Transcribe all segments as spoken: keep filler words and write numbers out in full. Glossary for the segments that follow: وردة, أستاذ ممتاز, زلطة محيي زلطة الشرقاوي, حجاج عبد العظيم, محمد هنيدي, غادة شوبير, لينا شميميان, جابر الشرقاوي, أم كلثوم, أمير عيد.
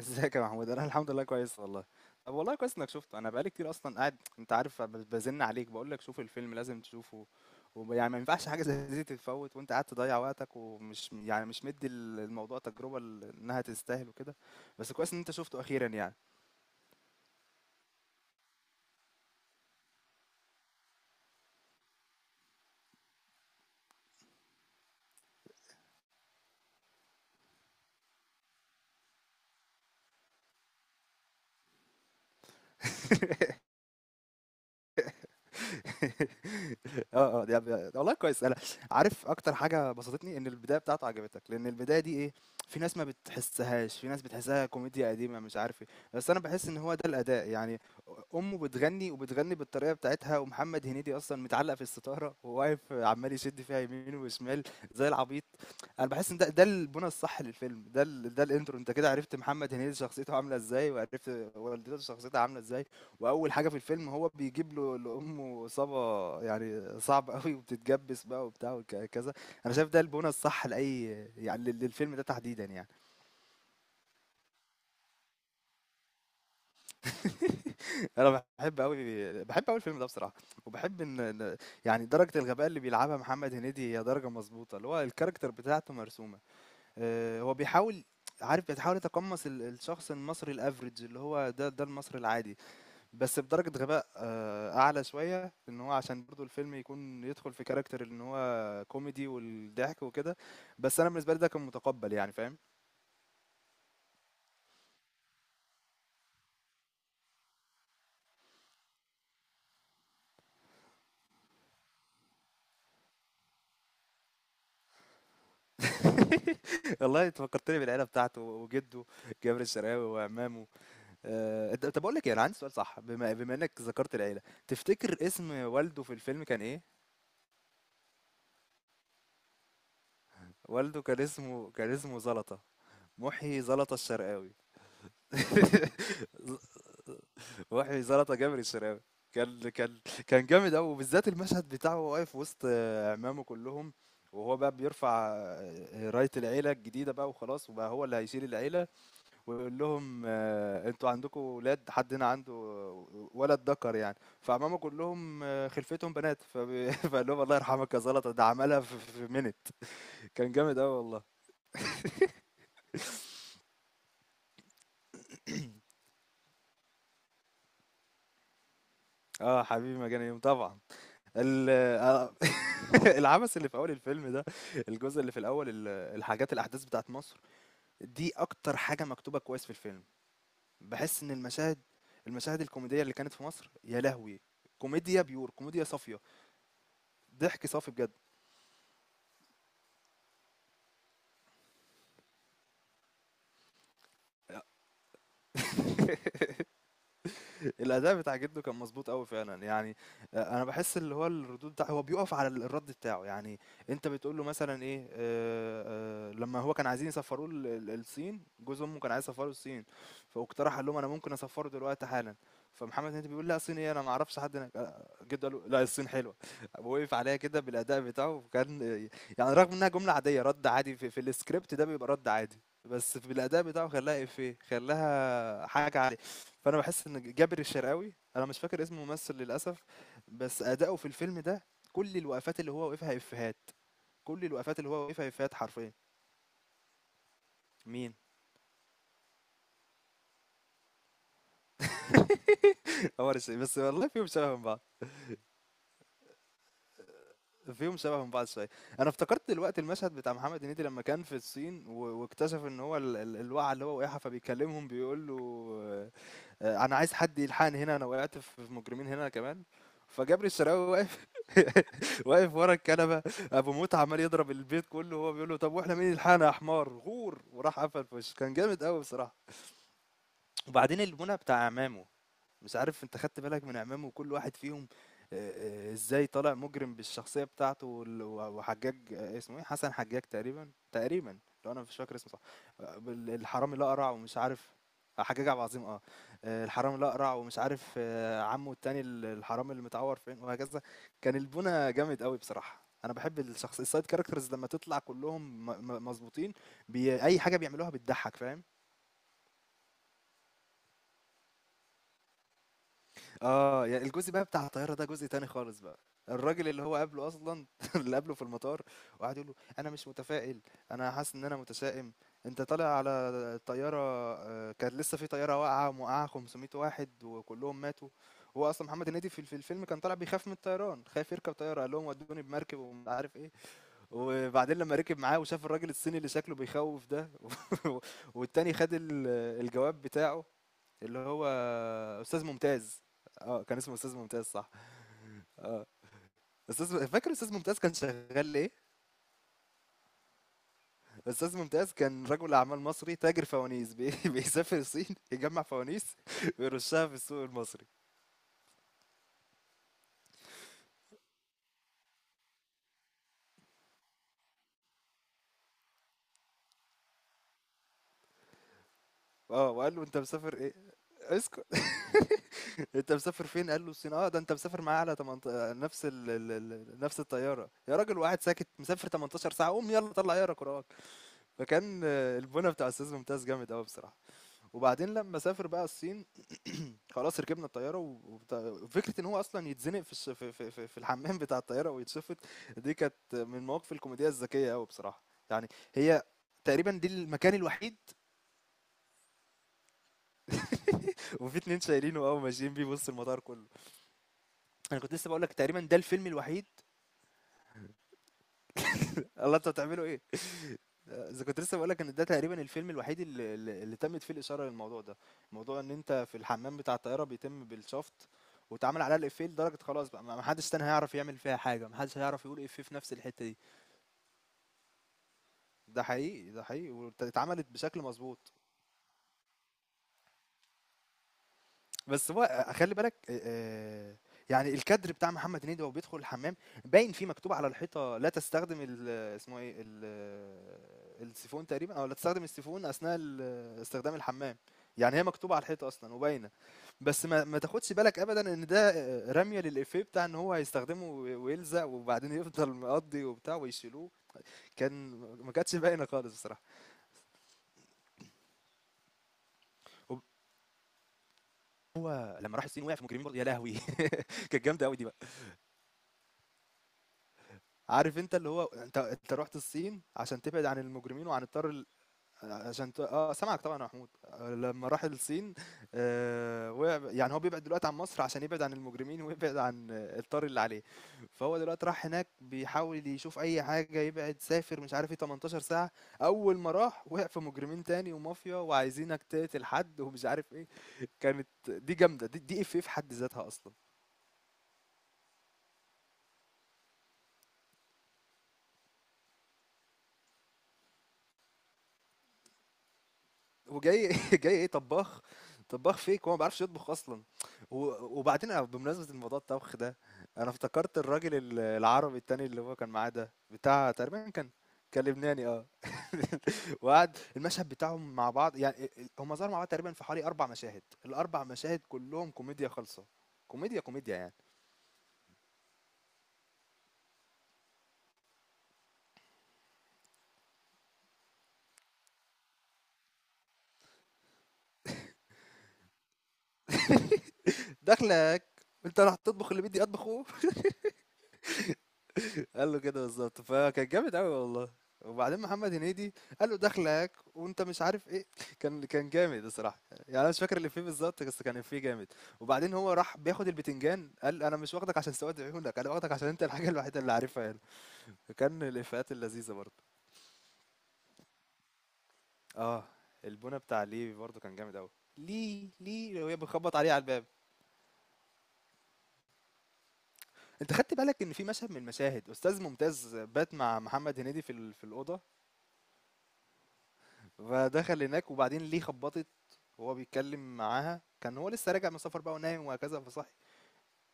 ازيك يا محمود. انا الحمد لله كويس والله. طب والله كويس انك شفته. انا بقالي كتير اصلا قاعد انت عارف ب- بزن عليك بقول لك شوف الفيلم لازم تشوفه. ويعني ما ينفعش حاجه زي دي تتفوت وانت قاعد تضيع وقتك ومش يعني مش مدي الموضوع تجربه ل- انها تستاهل وكده. بس كويس ان انت شفته اخيرا يعني. آه، آه، ده ب والله كويس. أنا عارف أكتر حاجة بسطتني، إن البداية بتاعته عجبتك، لإن البداية دي إيه، في ناس ما بتحسّهاش، في ناس بتحسّها كوميديا قديمة مش عارف إيه، بس أنا باحس إن هو ده الأداء، يعني أ أمه بتغنّي وبتغنّي بالطريقة بتاعتها، ومحمد هنيدي أصلًا متعلّق في الستارة وواقف عمّال يشِد فيها يمين وشمال زي العبيط. أنا باحس إن ده ده البُنى الصح للفيلم، ده ال ده الintro. أنت كده عرفت محمد هنيدي شخصيته عاملة إزاي، وعرفت والدته شخصيتها عاملة إزاي. وأول حاجة في الفيلم هو بيجيب له لأمه إصابة يعني صعبة أوي، وبتتجبس بقى وبتاع وكذا. أنا شايف ده البونة الصح لأي، يعني لل- للفيلم ده تحديدا يعني. أنا بحب أوي، بحب أوي الفيلم ده بصراحة. وبحب إن إن- يعني درجة الغباء اللي بيلعبها محمد هنيدي هي درجة مظبوطة، اللي هو الكاركتر بتاعته مرسومة. آه، هو بيحاول، عارف بيتحاول يتقمص ال- الشخص المصري الافريج اللي هو ده ده المصري العادي، بس بدرجة غباء آه، أعلى شوية، إن هو عشان برضو الفيلم يكون يدخل في كاركتر إن هو كوميدي والضحك وكده. بس أنا بالنسبة لي ده كان متقبل يعني، فاهم؟ والله أنت فكرتني بالعيلة بتاعته، وجده جابر الشرقاوي وعمامه. آه، طب بقول لك إيه، أنا عندي سؤال صح. بما بما إنك ذكرت العيلة، تفتكر اسم والده في الفيلم كان إيه؟ والده كان اسمه، كان اسمه زلطة. محيي زلطة الشرقاوي. وحي زلطة جابر الشراوي. كان كان كان جامد قوي، وبالذات المشهد بتاعه وهو واقف وسط آه، عمامه كلهم، وهو بقى بيرفع آه، راية العيلة الجديدة بقى وخلاص، وبقى هو اللي هيشيل العيلة، ويقول لهم آه، انتوا عندكم ولاد؟ حد هنا عنده ولد ذكر يعني؟ فعمامه كلهم آه، خلفتهم بنات فب- فقال لهم الله يرحمك يا زلطة، ده عملها في في- في منت. كان جامد قوي والله. اه حبيبي، مجاني يوم طبعا. ال- آه، العبث اللي في أول الفيلم ده، الجزء اللي في الأول، ال الحاجات الأحداث بتاعة مصر، دي أكتر حاجة مكتوبة كويس في الفيلم. باحس إن المشاهد المشاهد الكوميدية اللي كانت في مصر، يا لهوي! كوميديا pure، كوميديا صافية، ضحك صافي بجد. الأداء بتاع جده كان مضبوط قوي فعلًا، يعني أ أنا باحس اللي هو الردود بتاع، هو بيُقف على ال الرَد بتاعه، يعني. أنت بتقول له مثلًا إيه، آآ، آآ، لمّا هو كان عايزين يسفّروه ال ال الصين، جوز أمه كان عايز يسفّره الصين، فاقترح قال لهم: "أنا ممكن أسفّره دلوقتي حالًا." فمحمد هنيدي بيقول: "لأ الصين إيه، أنا ما أعرفش حد هناك." آآ، جده قال له: "لأ الصين حلوة." وقف عليها كده بالأداء بتاعه، وكان يعني رغم إنها جملة عادية، رَد عادي، في في الscript ده بيبقى رَد عادي. بس في الأداء بتاعه خلاها إفيه، خلاها حاجة عالية. فأنا باحس إن جابر الشرقاوي، أنا مش فاكر اسم الممثل للأسف، بس أداؤه في الفيلم ده، كل الوقفات اللي هو وقفها إفيهات، كل الوقفات اللي هو وقفها إفيهات حرفيا مين؟ هو الشيء بس والله، فيهم شبه من بعض، فيهم شبه من بعض شوية. أنا افتكرت دلوقتي المشهد بتاع محمد هنيدي لما كان في الصين، و- واكتشف إن هو ال- ال- الوقعة اللي هو وقعها، فبيكلمهم بيقول له آه، أنا عايز حد يلحقني هنا، أنا وقعت في في مجرمين هنا كمان. فجابر الشرقاوي واقف، واقف ورا الكنبه، ابو موت عمال يضرب البيت كله، وهو بيقول له طب واحنا مين اللي لحقنا يا حمار، غور. وراح قفل في وشه. كان جامد قوي بصراحه. وبعدين المنى بتاع عمامه، مش عارف انت خدت بالك من عمام وكل واحد فيهم آه، آه، ازاي طالع مجرم بالشخصية بتاعته؟ وال- وحجاج، آه، اسمه ايه، حسن حجاج تقريبا، تقريبا لو انا مش فاكر اسمه صح. آه، بال- الحرامي الأقرع ومش عارف، آه، حجاج عبد العظيم اه. آه، الحرامي الأقرع، ومش عارف آه، عمه التاني ال- الحرامي اللي متعور فين، وهكذا. كان البونة جامد قوي بصراحة. انا بحب الشخص السايد كاركترز لما تطلع كلهم م- م- مظبوطين. بي... اي حاجة بيعملوها بتضحك، فاهم؟ آه، يعني الجزء بقى بتاع الطيارة ده جزء تاني خالص بقى. الراجل اللي هو قابله أصلًا، اللي قابله في المطار، وقعد يقول له: "أنا مش متفائل، أنا حاسس إن أنا متشائم، أنت طالع على طيارة، آآ، كانت لسه في طيارة واقعة وموقعة خمسمية واحد وكلّهم ماتوا." هو أصلًا محمد هنيدي في ال في الفيلم كان طالع بيخاف من الطيران، خايف يركب طيارة، قال لهم: "ودّوني بمركب ومش عارف إيه." وبعدين لمّا ركب معاه وشاف الراجل الصيني اللي شكله بيخوّف ده، والتاني خد ال الجواب بتاعه، اللي هو أستاذ ممتاز. اه كان اسمه أستاذ ممتاز صح. أستاذ، فاكر أستاذ ممتاز كان شغال إيه؟ أستاذ ممتاز كان رجل أعمال مصري تاجر فوانيس بي... بيسافر الصين يجمع فوانيس ويرشها في السوق المصري. اه وقال له أنت مسافر إيه؟ اسكت. انت مسافر فين؟ قال له الصين. اه ده انت مسافر معايا على تمانتاشر، نفس ال... ال... ال- نفس الطياره، يا راجل واحد ساكت مسافر تمنتاشر ساعه، قوم يلا طلع يا كراك. فكان آه، البونه بتاع استاذ ممتاز جامد قوي بصراحه. وبعدين لما سافر بقى الصين، خلاص ركبنا الطياره، و- وبتاع- فكره ان هو اصلا يتزنق في الس- في في, في, في الحمام بتاع الطياره ويتشفط. دي كانت من المواقف الكوميديه الذكيه قوي بصراحه، يعني. هي تقريبا دي المكان الوحيد. وفي اتنين شايلينه او ماشيين بيه، بص المطار كله. انا كنت لسه بقول لك تقريبا ده الفيلم الوحيد. الله انتوا بتعملوا ايه؟ اذا كنت لسه بقول لك ان ده تقريبا الفيلم الوحيد اللي, اللي اللي تمت فيه الاشاره للموضوع ده، موضوع ان انت في الحمام بتاع الطياره بيتم بالشفط، واتعمل عليها الافيه لدرجه خلاص بقى ما ما حدش تاني هيعرف يعمل فيها حاجه، ما حدش هيعرف يقول افيه في نفس الحته دي. ده حقيقي، ده حقيقي، وات اتعملت بشكل مضبوط. بس هو خلّي بالك آآ يعني الكادر بتاع محمد هنيدي وهو بيدخل الحمام، باين فيه مكتوب على الحيطة لا تستخدم ال اسمه إيه، ال السيفون تقريبًا، آه، لا تستخدم السيفون أثناء ال استخدام الحمام، يعني هي مكتوبة على الحيطة أصلًا وباينة. بس ما ما تاخدش بالك أبدًا إن ده آه، رمية للإيفيه بتاع إن هو هيستخدمه و ويلزق وبعدين يفضل مقضّي وبتاع ويشيلوه. كان ما كانتش باينة خالص بصراحة. وهو لمّا راح الصين وقع في مجرمين برضه، يا لهوي! كانت جامده قوي دي بقى. عارف انت اللي هو، انت انت رحت الصين عشان تبعد عن المجرمين وعن الطار ال... عشان ت... اه سامعك طبعا يا محمود. آه، لما راح الصين آه وقع، يعني هو بيبعد دلوقتي عن مصر عشان يبعد عن المجرمين ويبعد عن آه، الطار اللي عليه. فهو دلوقتي راح هناك بيحاول يشوف اي حاجه يبعد، سافر مش عارف ايه ثمانية عشر ساعه. اول ما راح وقع في مجرمين تاني ومافيا وعايزينك تقتل حد ومش عارف ايه. كانت دي جامده، دي, دي اف في حد ذاتها اصلا. وجاي جاي إيه؟ طباخ. طباخ فيك، هو ما بيعرفش يطبخ أصلًا. و وبعدين أنا بمناسبة الموضوع الطبخ ده، أنا افتكرت الراجل ال العربي التاني اللي هو كان معاه ده، بتاع تقريبًا كان، كان لبناني. آه، وقعد المشهد بتاعهم مع بعض يعني، أ أ هم ظهروا مع بعض تقريبًا في حوالي أربع مشاهد، ال4 مشاهد كلّهم كوميديا خالصة، كوميديا، كوميديا يعني. داخلك أنت اللي هتطبخ اللي بدي أطبخه؟ قال له كده بالضبط، فكان جامد أوي والله. وبعدين محمد هنيدي قال له داخلك وأنت مش عارف إيه، كان كان جامد الصراحة، يعني أنا مش فاكر الإفيه بالضبط بس كان إفيه جامد. وبعدين هو راح بياخد البتنجان قال أنا مش واخدك عشان سواد عيونك، أنا واخدك عشان أنت الحاجة الوحيدة اللي عارفها هنا. فكان الإفيهات اللذيذة برضه. آه، البونة بتاع ليه برضه كان جامد أوي. ليه، ليه وهي بتخبط عليه على الباب. أنت خدت بالك إن في مشهد من المشاهد أستاذ ممتاز بات مع محمد هنيدي في ال في الأوضة؟ فدخل هناك وبعدين ليه خبطت، وهو بيتكلم معاها كان هو لسه راجع من سفر بقى ونايم وهكذا، فصحي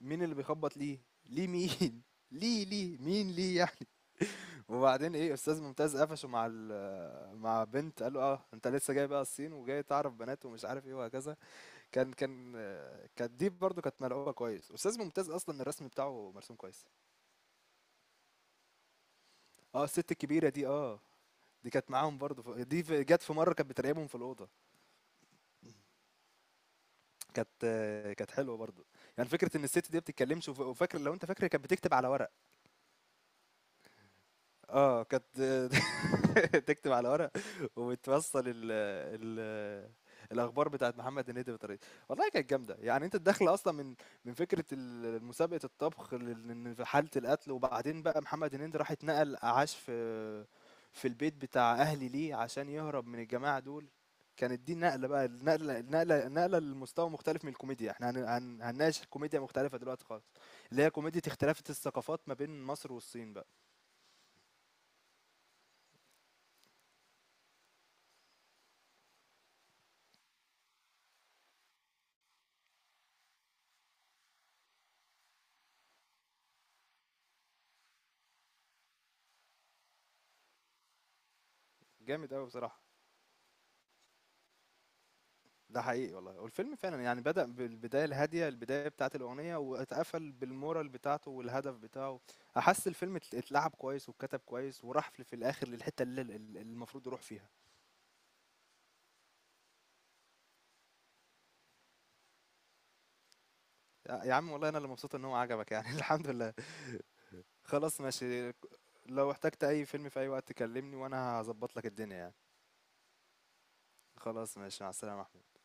مين اللي بيخبط؟ ليه. ليه مين؟ ليه ليه مين ليه يعني. وبعدين ايه، استاذ ممتاز قفشه مع ال- مع بنت، قال له اه انت لسه جاي بقى الصين وجاي تعرف بنات ومش عارف ايه وهكذا. كان كان آه، كانت دي برضو كانت ملعوبه كويس. استاذ ممتاز اصلا الرسم بتاعه مرسوم كويس. اه الست الكبيره دي اه، دي كانت معاهم برضو، ف- دي في- جت في مره كانت بتراقبهم في الاوضه. كانت كانت حلوة برضه، يعني فكرة إن الست دي ما بتتكلمش، وف وفاكر لو أنت فاكر هي كانت بتكتب على ورق. آه، كانت تكتب على ورق وبتوصّل ال ال الأخبار بتاعة محمد هنيدي بطريقتها. والله كانت جامدة. يعني أنت الداخلة أصلًا من من فكرة ال مسابقة الطبخ لل لل حالة القتل، وبعدين بقى محمد هنيدي راح اتنقل عاش في في البيت بتاع أهل ليه عشان يهرب من الجماعة دول. كانت دي النقلة بقى، النقلة النقلة النقلة لمستوى مختلف من الكوميديا. إحنا هن هن هنناقش كوميديا مختلفة دلوقتي خالص، اللي هي كوميديا اختلافات الثقافات ما بين مصر والصين بقى. جامد أوي بصراحة. ده حقيقي والله، والفيلم فعلا يعني بدأ بالبداية الهادية، البداية بتاعت الأغنية، واتقفل بالمورال بتاعته والهدف بتاعه. أحس الفيلم ات- اتلعب كويس واتكتب كويس، وراح في في الآخر للحتة اللي اللي- اللي المفروض يروح فيها. يا يا عم والله أنا اللي مبسوط إن هو عجبك يعني. الحمد لله، خلاص ماشي. لو احتجت أي فيلم في أي وقت كلمني وأنا هظبط لك الدنيا يعني. خلاص ماشي، مع السلامة.